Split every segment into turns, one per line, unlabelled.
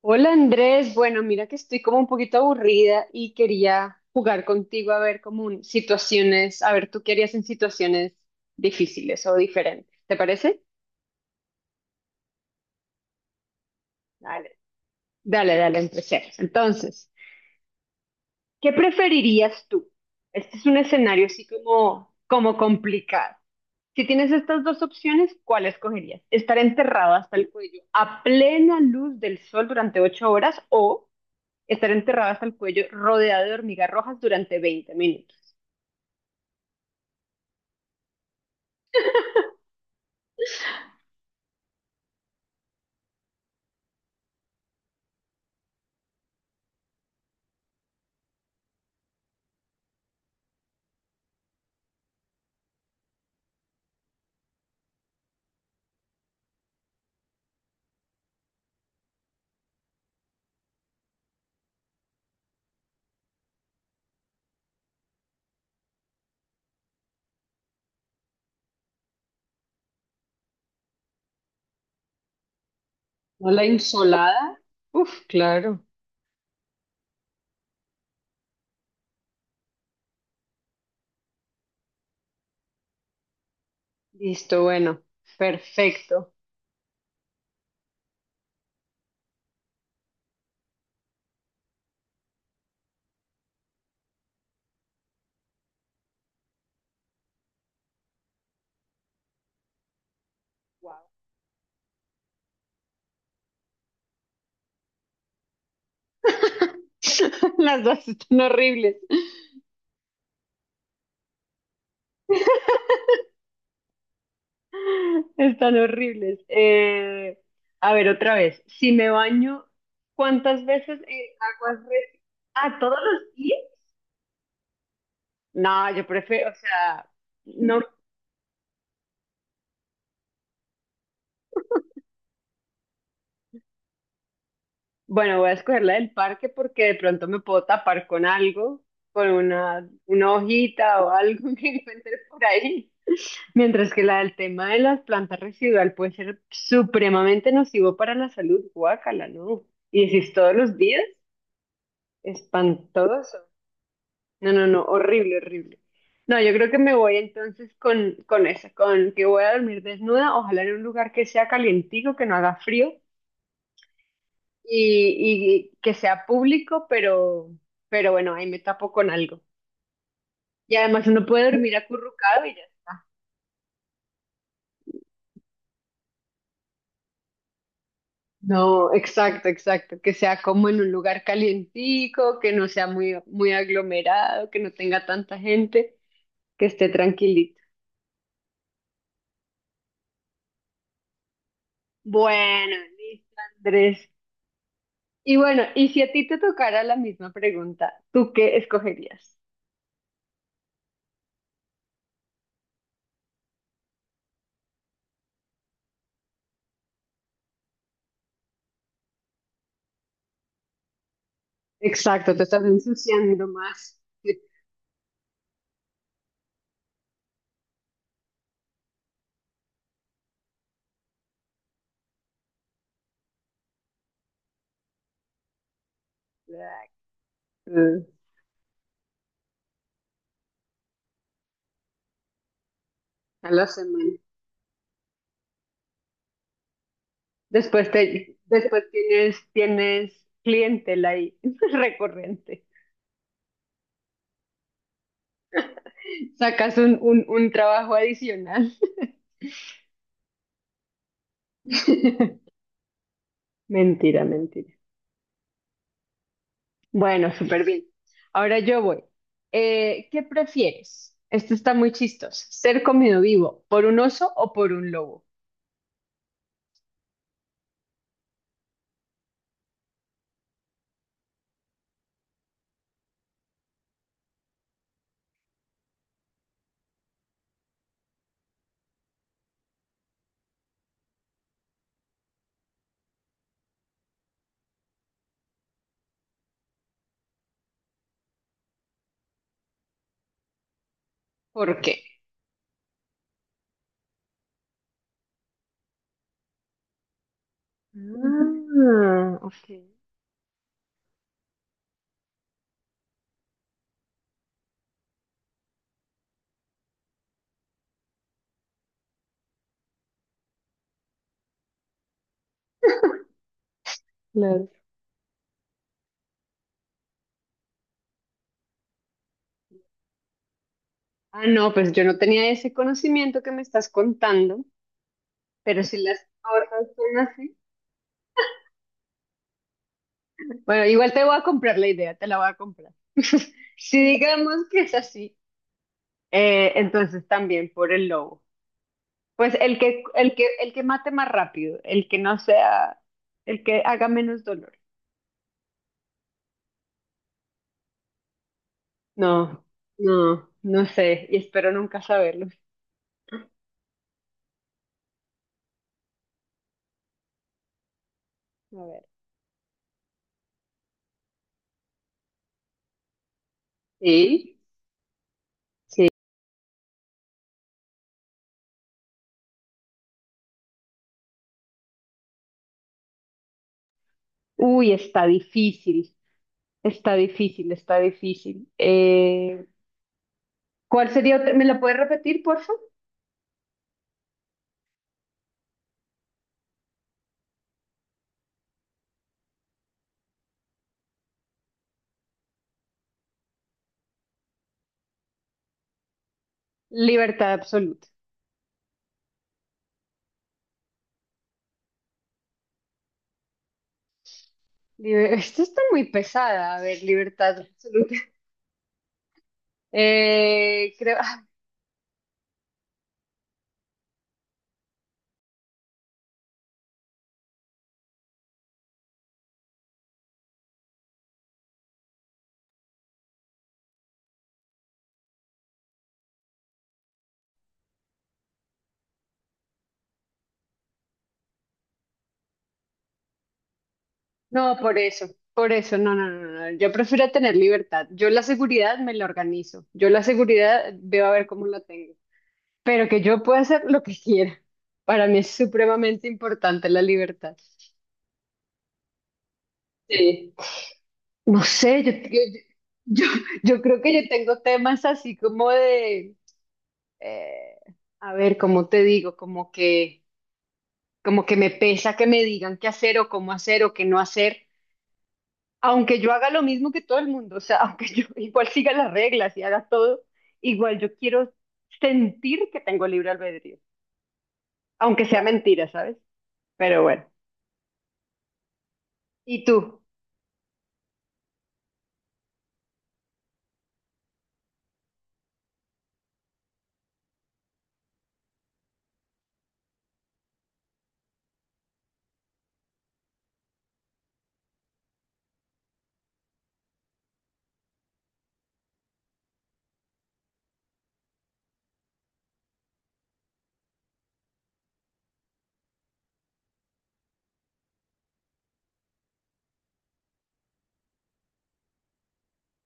Hola Andrés, bueno, mira que estoy como un poquito aburrida y quería jugar contigo a ver como situaciones, a ver tú qué harías en situaciones difíciles o diferentes, ¿te parece? Dale, dale, dale, empecemos. Entonces, ¿qué preferirías tú? Este es un escenario así como, como complicado. Si tienes estas dos opciones, ¿cuál escogerías? ¿Estar enterrado hasta el cuello a plena luz del sol durante 8 horas o estar enterrada hasta el cuello, rodeada de hormigas rojas durante 20 minutos? ¿No la insolada? Uf, claro. Listo, bueno. Perfecto. Wow. Las dos están horribles. Están horribles. A ver, otra vez. Si me baño, ¿cuántas veces en ¿A todos los días? No, yo prefiero, o sea, no. Bueno, voy a escoger la del parque porque de pronto me puedo tapar con algo, con una hojita o algo que encuentre por ahí. Mientras que la del tema de las plantas residual puede ser supremamente nocivo para la salud. Guácala, ¿no? Y decís todos los días, espantoso. No, no, no, horrible, horrible. No, yo creo que me voy entonces con esa, con que voy a dormir desnuda, ojalá en un lugar que sea calientico, que no haga frío y que sea público, pero bueno, ahí me tapo con algo. Y además uno puede dormir acurrucado y ya está. No, exacto, exacto, que sea como en un lugar calientico, que no sea muy aglomerado, que no tenga tanta gente, que esté tranquilito. Bueno, listo, Andrés. Y bueno, y si a ti te tocara la misma pregunta, ¿tú qué escogerías? Exacto, te estás ensuciando más. Exacto, a la semana. Después después tienes clientela ahí recurrente. Sacas un trabajo adicional. Mentira, mentira. Bueno, súper bien. Ahora yo voy. ¿Qué prefieres? Esto está muy chistoso. ¿Ser comido vivo por un oso o por un lobo? ¿Por qué? Ah, ok, claro. Ah, no, pues yo no tenía ese conocimiento que me estás contando, pero si las cosas son así. Bueno, igual te voy a comprar la idea, te la voy a comprar. Si digamos que es así, entonces también por el lobo. Pues el que mate más rápido, el que no sea, el que haga menos dolor. No, no, no sé, y espero nunca saberlo. A ver. ¿Sí? Uy, está difícil, está difícil, está difícil. ¿Cuál sería otra? ¿Me la puedes repetir, por favor? Libertad absoluta. Esto está muy pesada. A ver, libertad absoluta. Eh, creo, ah, no, por eso, no, no, no, no. Yo prefiero tener libertad. Yo la seguridad me la organizo. Yo la seguridad veo a ver cómo la tengo. Pero que yo pueda hacer lo que quiera. Para mí es supremamente importante la libertad. Sí. No sé, yo, yo creo que yo tengo temas así como eh, a ver, ¿cómo te digo? Como que me pesa que me digan qué hacer o cómo hacer o qué no hacer. Aunque yo haga lo mismo que todo el mundo, o sea, aunque yo igual siga las reglas y haga todo, igual yo quiero sentir que tengo libre albedrío, aunque sea mentira, ¿sabes? Pero bueno, ¿y tú?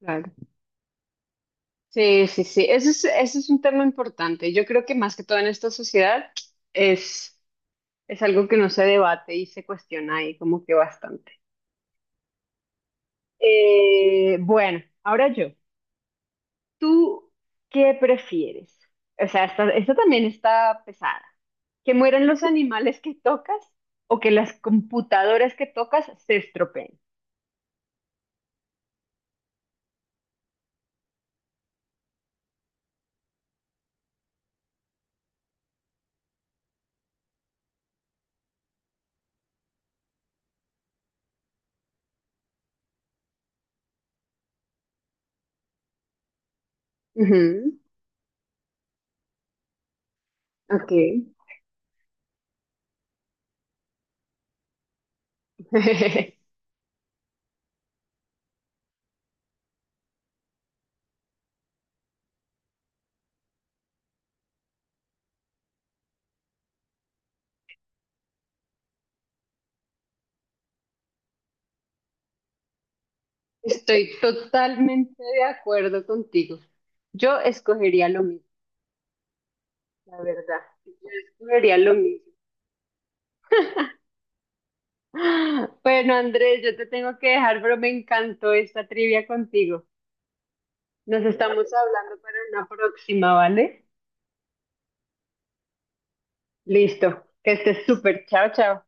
Claro. Sí, sí, sí. Eso es un tema importante. Yo creo que más que todo en esta sociedad es, es algo que no se debate y se cuestiona ahí como que bastante. Bueno, ahora yo. ¿Tú qué prefieres? O sea, esta también está pesada. ¿Que mueran los animales que tocas o que las computadoras que tocas se estropeen? Ujú, ok. Estoy totalmente de acuerdo contigo. Yo escogería lo mismo, la verdad. Yo escogería lo mismo. Ah, bueno, Andrés, yo te tengo que dejar, pero me encantó esta trivia contigo. Nos estamos hablando para una próxima, ¿vale? Listo. Que estés súper. Chao, chao.